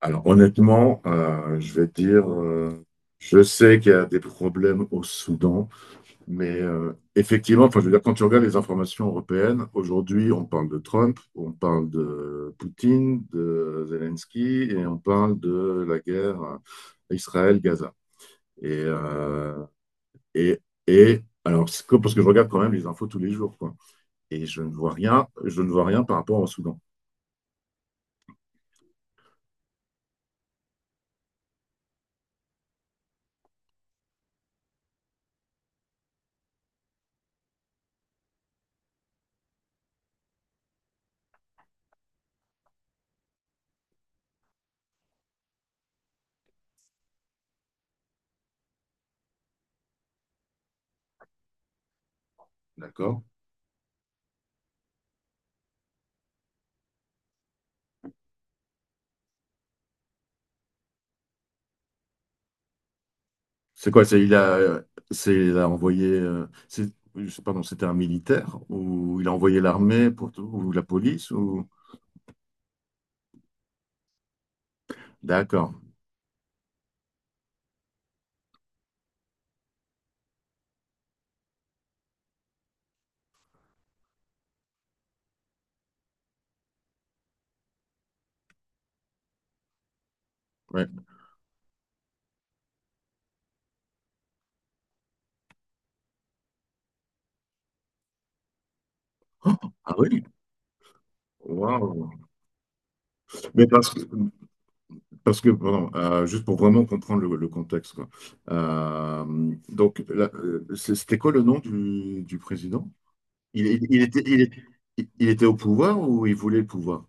Alors honnêtement, je vais te dire, je sais qu'il y a des problèmes au Soudan. Mais effectivement, enfin, je veux dire, quand tu regardes les informations européennes, aujourd'hui, on parle de Trump, on parle de Poutine, de Zelensky, et on parle de la guerre Israël-Gaza. Et, euh, et, et alors, parce que je regarde quand même les infos tous les jours, quoi. Et je ne vois rien, je ne vois rien par rapport au Soudan. D'accord. C'est quoi? C'est il a envoyé. C'est, je sais pas, c'était un militaire ou il a envoyé l'armée pour tout ou la police ou. D'accord. Ouais. Ah oui. Waouh. Mais parce que, pardon, juste pour vraiment comprendre le contexte, quoi. Donc, c'était quoi le nom du président? Il, il- il était, il, est- il était au pouvoir ou il voulait le pouvoir?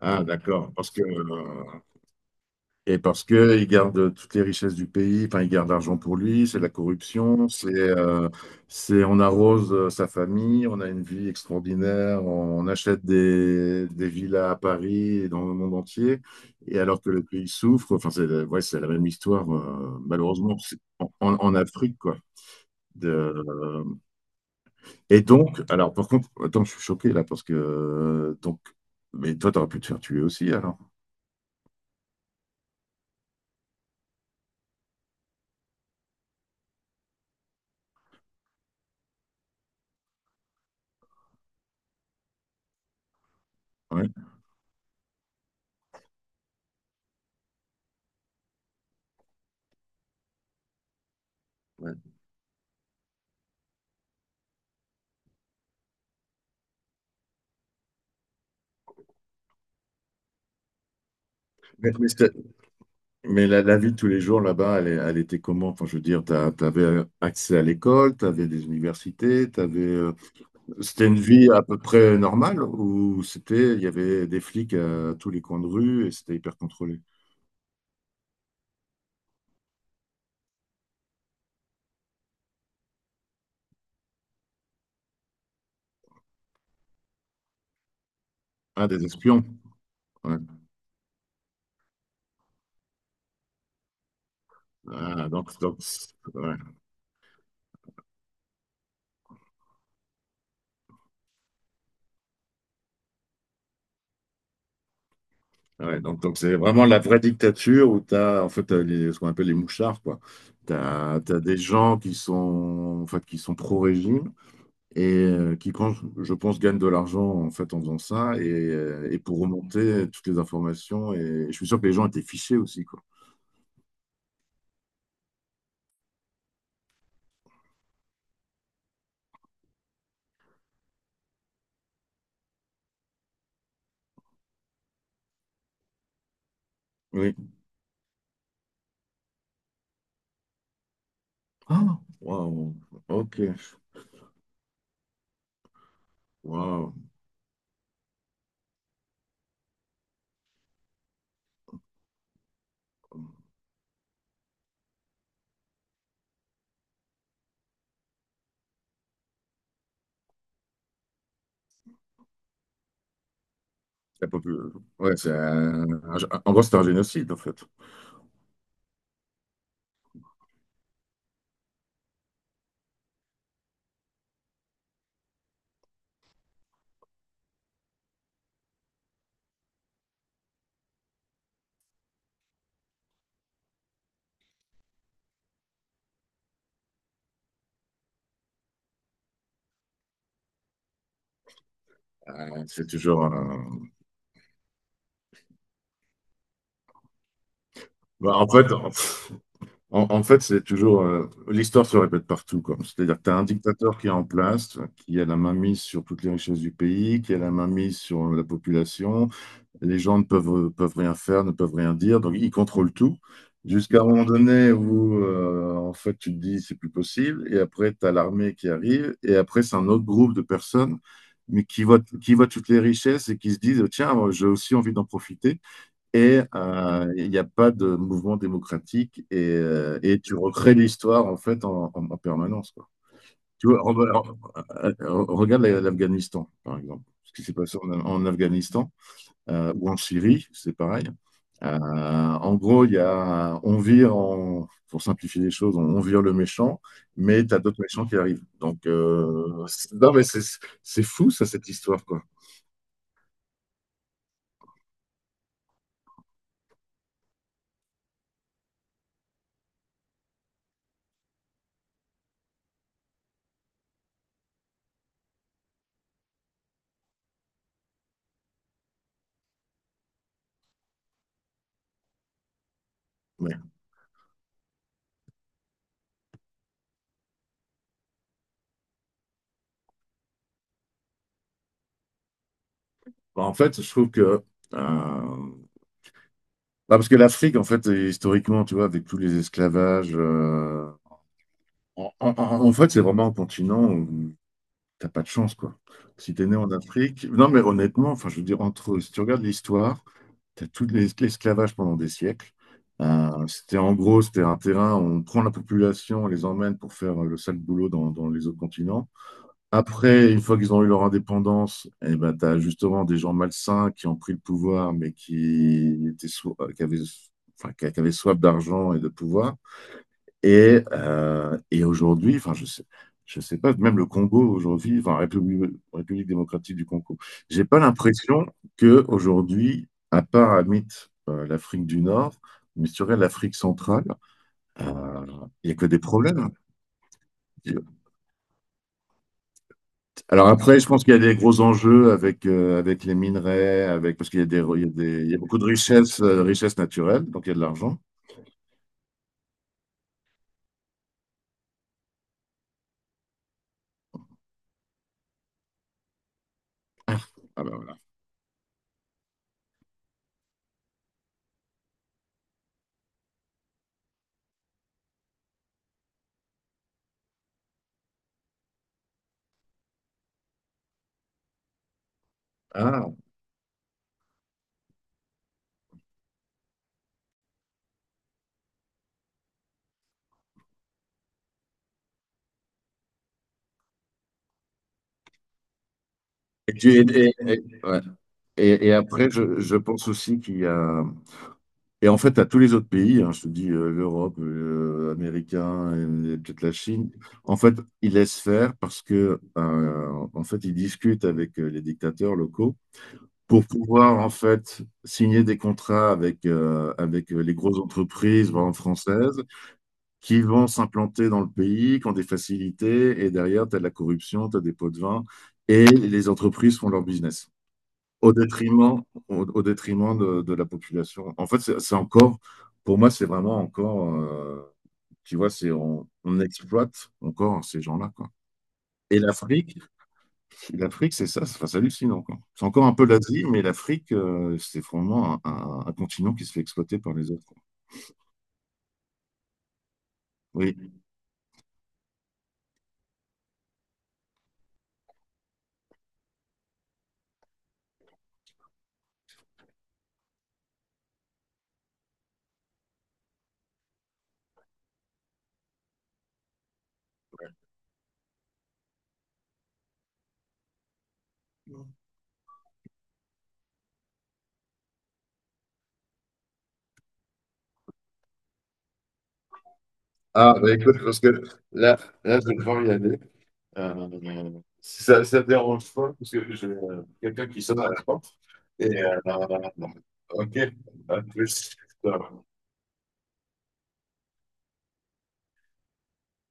Ah, d'accord. Parce que, et parce que il garde toutes les richesses du pays, enfin, il garde l'argent pour lui, c'est la corruption, c'est, on arrose sa famille, on a une vie extraordinaire, on achète des villas à Paris et dans le monde entier, et alors que le pays souffre, enfin, c'est, ouais, c'est la même histoire, malheureusement, en, en Afrique, quoi. De, Et donc, alors par contre, attends, je suis choqué là parce que donc, mais toi, t'aurais pu te faire tuer aussi alors. Ouais. Ouais. Mais, mais c'est- mais la, la vie de tous les jours là-bas, elle était comment? Enfin, je veux dire, t'avais accès à l'école, t'avais des universités, t'avais, c'était une vie à peu près normale ou c'était, il y avait des flics à tous les coins de rue et c'était hyper contrôlé. Ah, des espions. Ouais. Ah, donc, donc, ouais. Ouais, donc c'est vraiment la vraie dictature où tu as en fait t'as les, ce qu'on appelle les mouchards quoi. Tu as, des gens qui sont en fait qui sont pro-régime et qui quand je pense gagnent de l'argent en fait en faisant ça et pour remonter toutes les informations et, je suis sûr que les gens étaient fichés aussi quoi. Oui. Ah, waouh. OK. Waouh. La popul- Ouais, en gros c'est un génocide en fait. Ouais, C'est toujours un- bah, en fait En, en fait, c'est toujours l'histoire se répète partout, quoi. C'est-à-dire que tu as un dictateur qui est en place, qui a la main mise sur toutes les richesses du pays, qui a la main mise sur la population. Les gens ne peuvent, peuvent rien faire, ne peuvent rien dire, donc ils contrôlent tout. Jusqu'à un moment donné où, en fait, tu te dis c'est plus possible, et après, tu as l'armée qui arrive, et après, c'est un autre groupe de personnes, mais qui voient toutes les richesses et qui se disent, tiens, moi, j'ai aussi envie d'en profiter et il n'y a pas de mouvement démocratique et tu recrées l'histoire en fait en, en permanence, quoi. Tu vois, regarde l'Afghanistan, par exemple. Ce qui s'est passé en, en Afghanistan ou en Syrie, c'est pareil. En gros, il y a, on vire, en, pour simplifier les choses, on vire le méchant, mais tu as d'autres méchants qui arrivent. Donc, non, mais c'est fou, ça, cette histoire, quoi. Ouais. En fait, je trouve que. euh, parce que l'Afrique, en fait, historiquement, tu vois, avec tous les esclavages. En fait, c'est vraiment un continent où t'as pas de chance, quoi. Si t'es né en Afrique. Non, mais honnêtement, enfin, je veux dire, entre. Si tu regardes l'histoire. T'as tout l'esclavage pendant des siècles. C'était en gros, c'était un terrain où on prend la population, on les emmène pour faire le sale boulot dans, dans les autres continents. Après, une fois qu'ils ont eu leur indépendance, eh ben, tu as justement des gens malsains qui ont pris le pouvoir, mais qui étaient qui avaient, enfin, qui avaient soif d'argent et de pouvoir et aujourd'hui, enfin, je sais pas, même le Congo aujourd'hui, enfin, République démocratique du Congo, j'ai pas l'impression que aujourd'hui, à part à mythe, l'Afrique du Nord, mais sur elle, l'Afrique centrale, euh, il n'y a que des problèmes. Alors après, je pense qu'il y a des gros enjeux avec, avec les minerais, avec, parce qu'il y a des, il y a beaucoup de richesses, richesses naturelles, donc il y a de l'argent. Ah ben voilà. Ah. Et, tu- et- ouais. Et après, je pense aussi qu'il y a, Et en fait, à tous les autres pays, hein, je te dis l'Europe, américain et, peut-être la Chine, en fait, ils laissent faire parce que, ben, en fait, ils discutent avec les dictateurs locaux pour pouvoir, en fait, signer des contrats avec, avec les grosses entreprises, par exemple, françaises, qui vont s'implanter dans le pays, qui ont des facilités, et derrière, tu as de la corruption, tu as des pots de vin, et les entreprises font leur business au détriment, au détriment de la population. En fait, c'est encore, pour moi, c'est vraiment encore, tu vois, c'est on exploite encore ces gens-là, quoi. Et l'Afrique, l'Afrique, c'est ça, c'est enfin, c'est hallucinant, quoi. C'est encore un peu l'Asie, mais l'Afrique, c'est vraiment un, un continent qui se fait exploiter par les autres, quoi. Oui. Ah, bah écoute, parce que là, là, je vais devoir y aller. Euh, si ça ne dérange pas, parce que j'ai quelqu'un qui sonne à la porte. Et ok, à plus.